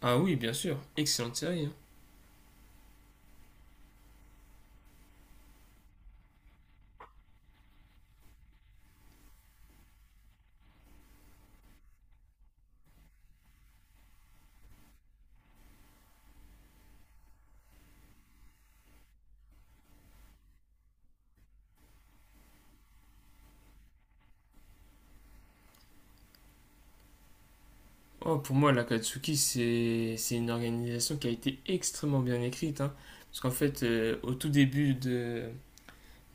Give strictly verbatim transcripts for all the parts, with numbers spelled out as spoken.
Ah oui, bien sûr. Excellente série. Hein. Oh, pour moi, l'Akatsuki, c'est c'est une organisation qui a été extrêmement bien écrite. Hein. Parce qu'en fait, euh, au tout début de,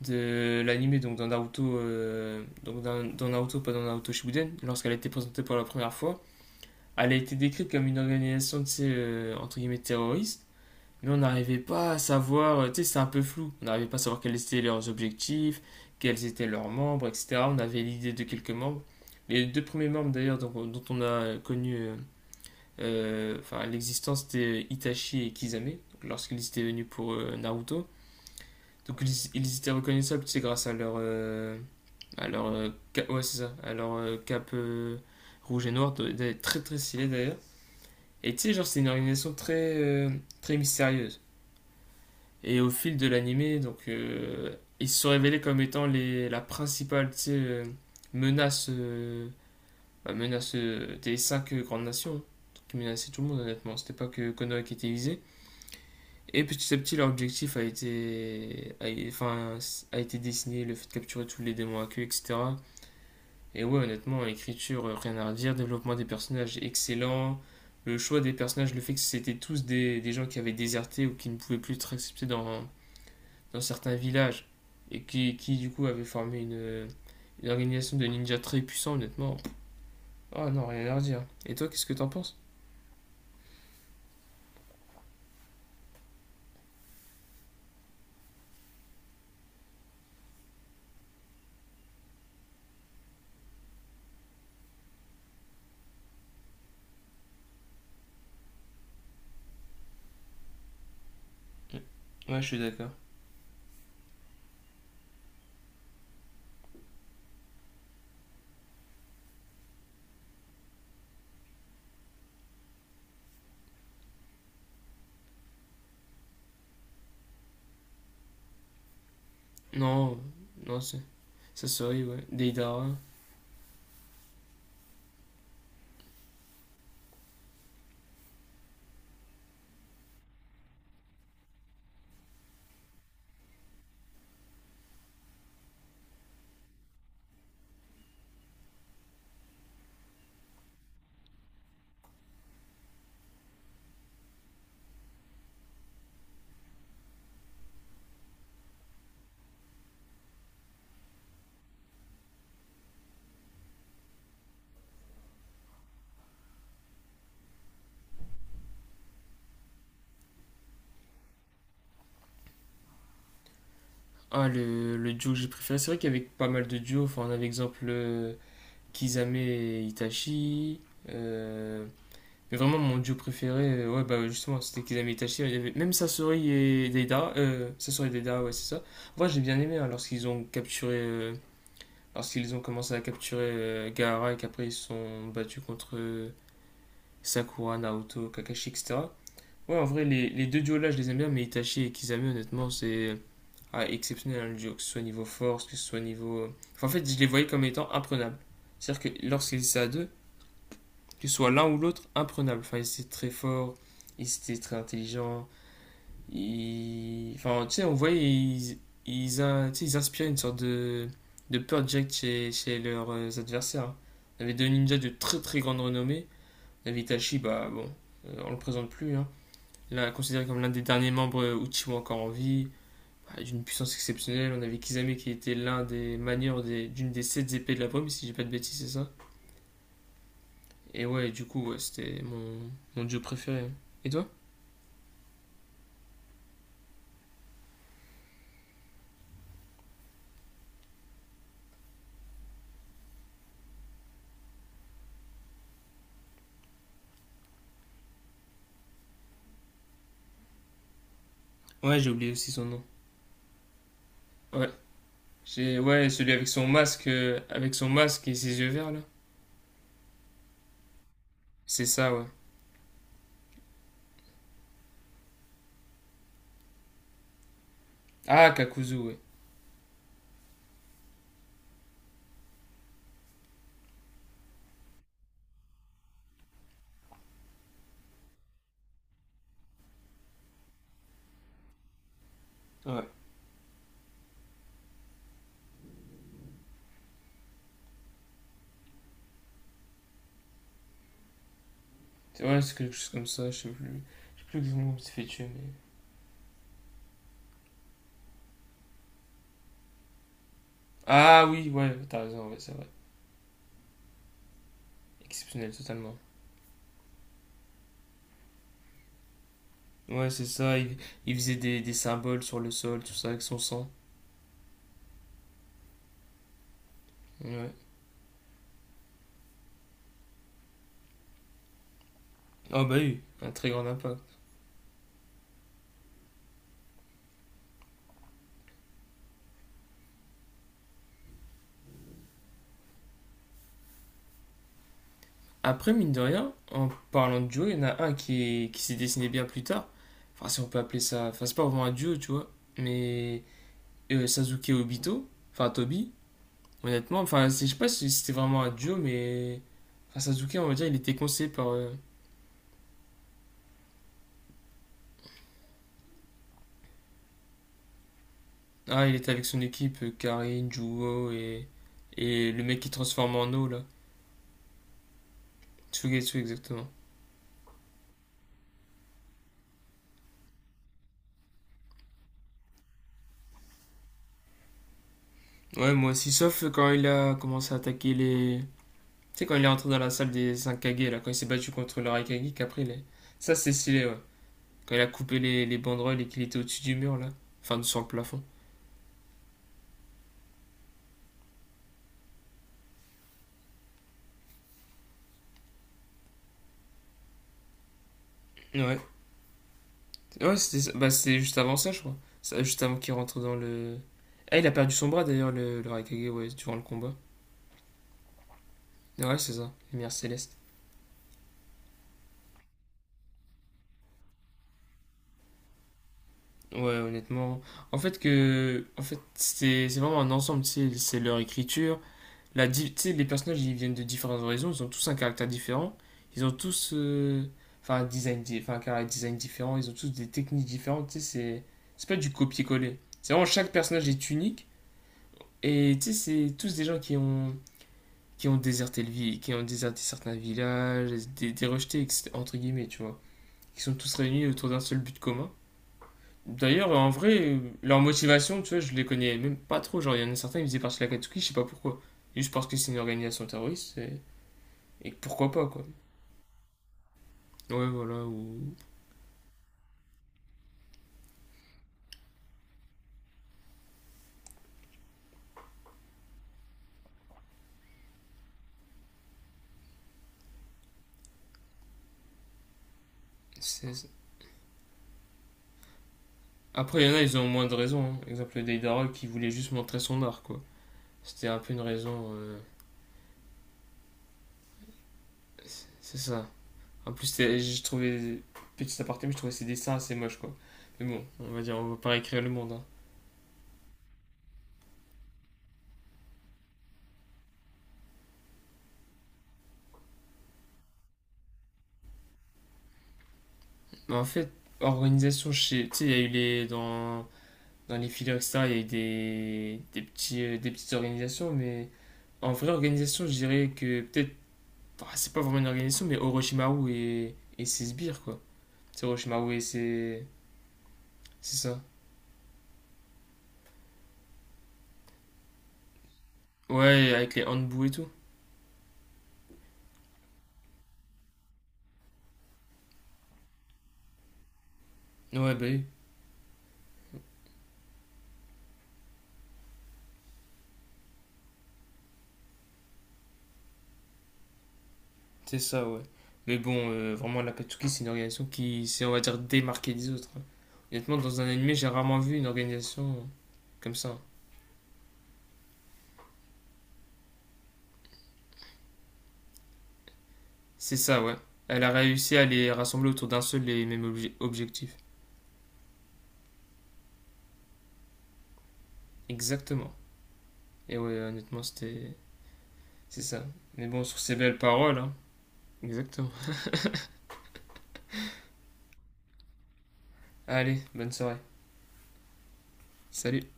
de l'anime, donc dans Naruto, euh, donc dans, dans Naruto, pas dans Naruto Shippuden, lorsqu'elle a été présentée pour la première fois, elle a été décrite comme une organisation, tu sais, euh, entre guillemets, terroriste. Mais on n'arrivait pas à savoir, euh, tu sais, c'est un peu flou, on n'arrivait pas à savoir quels étaient leurs objectifs, quels étaient leurs membres, et cetera. On avait l'idée de quelques membres. Les deux premiers membres d'ailleurs dont, dont on a connu euh, euh, enfin, l'existence, c'était Itachi et Kisame lorsqu'ils étaient venus pour euh, Naruto. Donc ils, ils étaient reconnaissables, tu sais, grâce à leur, euh, à leur, euh, ca- ouais, c'est ça, à leur euh, cape euh, rouge et noir, très très stylé d'ailleurs. Et tu sais, genre, c'est une organisation très, euh, très mystérieuse. Et au fil de l'animé, donc, euh, ils se sont révélés comme étant les, la principale tu sais, euh, menace, euh, bah, menace euh, des cinq euh, grandes nations, hein, qui menaçaient tout le monde honnêtement. C'était pas que Konoha qui était visé. Et petit à petit, leur objectif a été, a, enfin, a été dessiné, le fait de capturer tous les démons à queue, et cetera. Et ouais, honnêtement, écriture, euh, rien à redire, développement des personnages excellent, le choix des personnages, le fait que c'était tous des, des gens qui avaient déserté ou qui ne pouvaient plus être acceptés dans, dans certains villages et qui, qui du coup avait formé une, euh, une organisation de ninjas très puissant honnêtement. Oh non, rien à leur dire. Et toi, qu'est-ce que t'en penses? Ouais, je suis d'accord. Non, non, c'est- ça serait, ouais. Deidara. Ah, le, le duo que j'ai préféré. C'est vrai qu'il y avait pas mal de duos. Enfin, on avait exemple euh, Kizame et Itachi. euh, Mais vraiment, mon duo préféré, euh, ouais, bah justement, c'était Kisame et Itachi. Il y avait même Sasori et Deidara. Euh, Sasori et Deidara, ouais, c'est ça. Moi, j'ai bien aimé hein, lorsqu'ils ont capturé euh, lorsqu'ils ont commencé à capturer euh, Gaara et qu'après ils se sont battus contre euh, Sakura, Naoto, Kakashi, et cetera. Ouais, en vrai, les, les deux duos-là, je les aime bien, mais Itachi et Kisame honnêtement, c'est ah, exceptionnel, hein, le duo, que ce soit niveau force, que ce soit niveau... euh, Enfin, en fait, je les voyais comme étant imprenables. C'est-à-dire que lorsqu'ils étaient à deux, que ce soit l'un ou l'autre, imprenables. Enfin, ils étaient très forts, ils étaient très intelligents, ils... Enfin, tu sais, on voyait, ils, ils, in- tu sais, ils inspiraient une sorte de, de peur jack chez, chez leurs euh, adversaires. Hein. On avait deux ninjas de très très grande renommée. On avait Itachi, bah bon, euh, on le présente plus. Hein. Là, considéré comme l'un des derniers membres euh, Uchiwa encore en vie, bah, d'une puissance exceptionnelle. On avait Kisame qui était l'un des manieurs des- d'une des sept épées de la brume, si j'ai pas de bêtises, c'est ça. Et ouais, du coup, ouais, c'était mon, mon dieu préféré. Hein. Et toi? Ouais, j'ai oublié aussi son nom. Ouais, J'ai ouais, celui avec son masque euh, avec son masque et ses yeux verts là. C'est ça ouais. Ah, Kakuzu ouais. Ouais. c'est Ouais, c'est quelque chose comme ça, je sais plus. Je sais plus exactement où il s'est fait tuer mais... Ah oui, ouais, t'as raison, ouais, c'est vrai. Exceptionnel totalement. Ouais, c'est ça, il, il faisait des, des symboles sur le sol, tout ça avec son sang. Ouais. Ah bah oui, un très grand impact. Après, mine de rien, en parlant de duo, il y en a un qui est- qui s'est dessiné bien plus tard. Enfin, si on peut appeler ça. Enfin, c'est pas vraiment un duo, tu vois. Mais euh, Sasuke et Obito, enfin Tobi, honnêtement. Enfin, c'est- je sais pas si c'était vraiment un duo, mais enfin, Sasuke, on va dire, il était conseillé par. euh, Ah, il était avec son équipe, euh, Karin, Juho et... et le mec qui transforme en eau, là. Tsugetsu, exactement. Ouais, moi aussi, sauf quand il a commencé à attaquer les. Tu sais, quand il est entré dans la salle des cinq Kage, là, quand il s'est battu contre le Raikage, qu'après, il est... ça c'est stylé, ouais. Quand il a coupé les, les banderoles et qu'il était au-dessus du mur, là. Enfin, sur le plafond. Ouais. Ouais, c'était ça. Bah, c'était juste avant ça, je crois. Ça, juste avant qu'il rentre dans le. Ah, il a perdu son bras d'ailleurs, le, le Raikage, ouais, durant le combat. Ouais, c'est ça, lumière céleste. Ouais, honnêtement. En fait, que. En fait, c'est c'est vraiment un ensemble, tu sais, c'est leur écriture. La, di- tu sais, les personnages, ils viennent de différentes horizons, ils ont tous un caractère différent. Ils ont tous. euh, Enfin, un design, di- enfin, un caractère design différent, ils ont tous des techniques différentes, tu sais, c'est. C'est pas du copier-coller. C'est vraiment chaque personnage est unique. Et tu sais, c'est tous des gens qui ont qui ont déserté le vi- qui ont déserté certains villages, des, des rejetés, entre guillemets, tu vois, qui sont tous réunis autour d'un seul but commun. D'ailleurs, en vrai, leur motivation, tu vois, je les connais même pas trop. Genre, il y en a certains, ils faisaient partie de la Katsuki, je sais pas pourquoi. Juste parce que c'est une organisation terroriste, et, et pourquoi pas, quoi. Ouais, voilà, ou... c'est- Après, il y en a, ils ont moins de raisons. Hein. Exemple, Deidara qui voulait juste montrer son art, quoi. C'était un peu une raison... euh, C'est ça. En plus, c'est- j'ai trouvé, petit aparté, mais je trouvais ses dessins assez moches, quoi. Mais bon, on va dire, on va pas réécrire le monde. Hein. Mais en fait, organisation, je sais- tu sais, il y a eu les. Dans, dans les filières, et cetera, il y a eu des, des, petits, euh, des petites organisations, mais en vraie organisation, je dirais que peut-être. Ah, c'est pas vraiment une organisation, mais Orochimaru et, et ses sbires, quoi. C'est Orochimaru et ses. C'est ça. Ouais, avec les handbou et tout. Ouais, bah oui. C'est ça, ouais. Mais bon, euh, vraiment, la Katsuki, c'est une organisation qui s'est, on va dire, démarquée des autres. Hein. Honnêtement, dans un anime, j'ai rarement vu une organisation euh, comme ça. Hein. C'est ça, ouais. Elle a réussi à les rassembler autour d'un seul et même obje- objectif. Exactement. Et ouais, honnêtement, c'était... C'est ça. Mais bon, sur ces belles paroles, hein. Exactement. Allez, bonne soirée. Salut.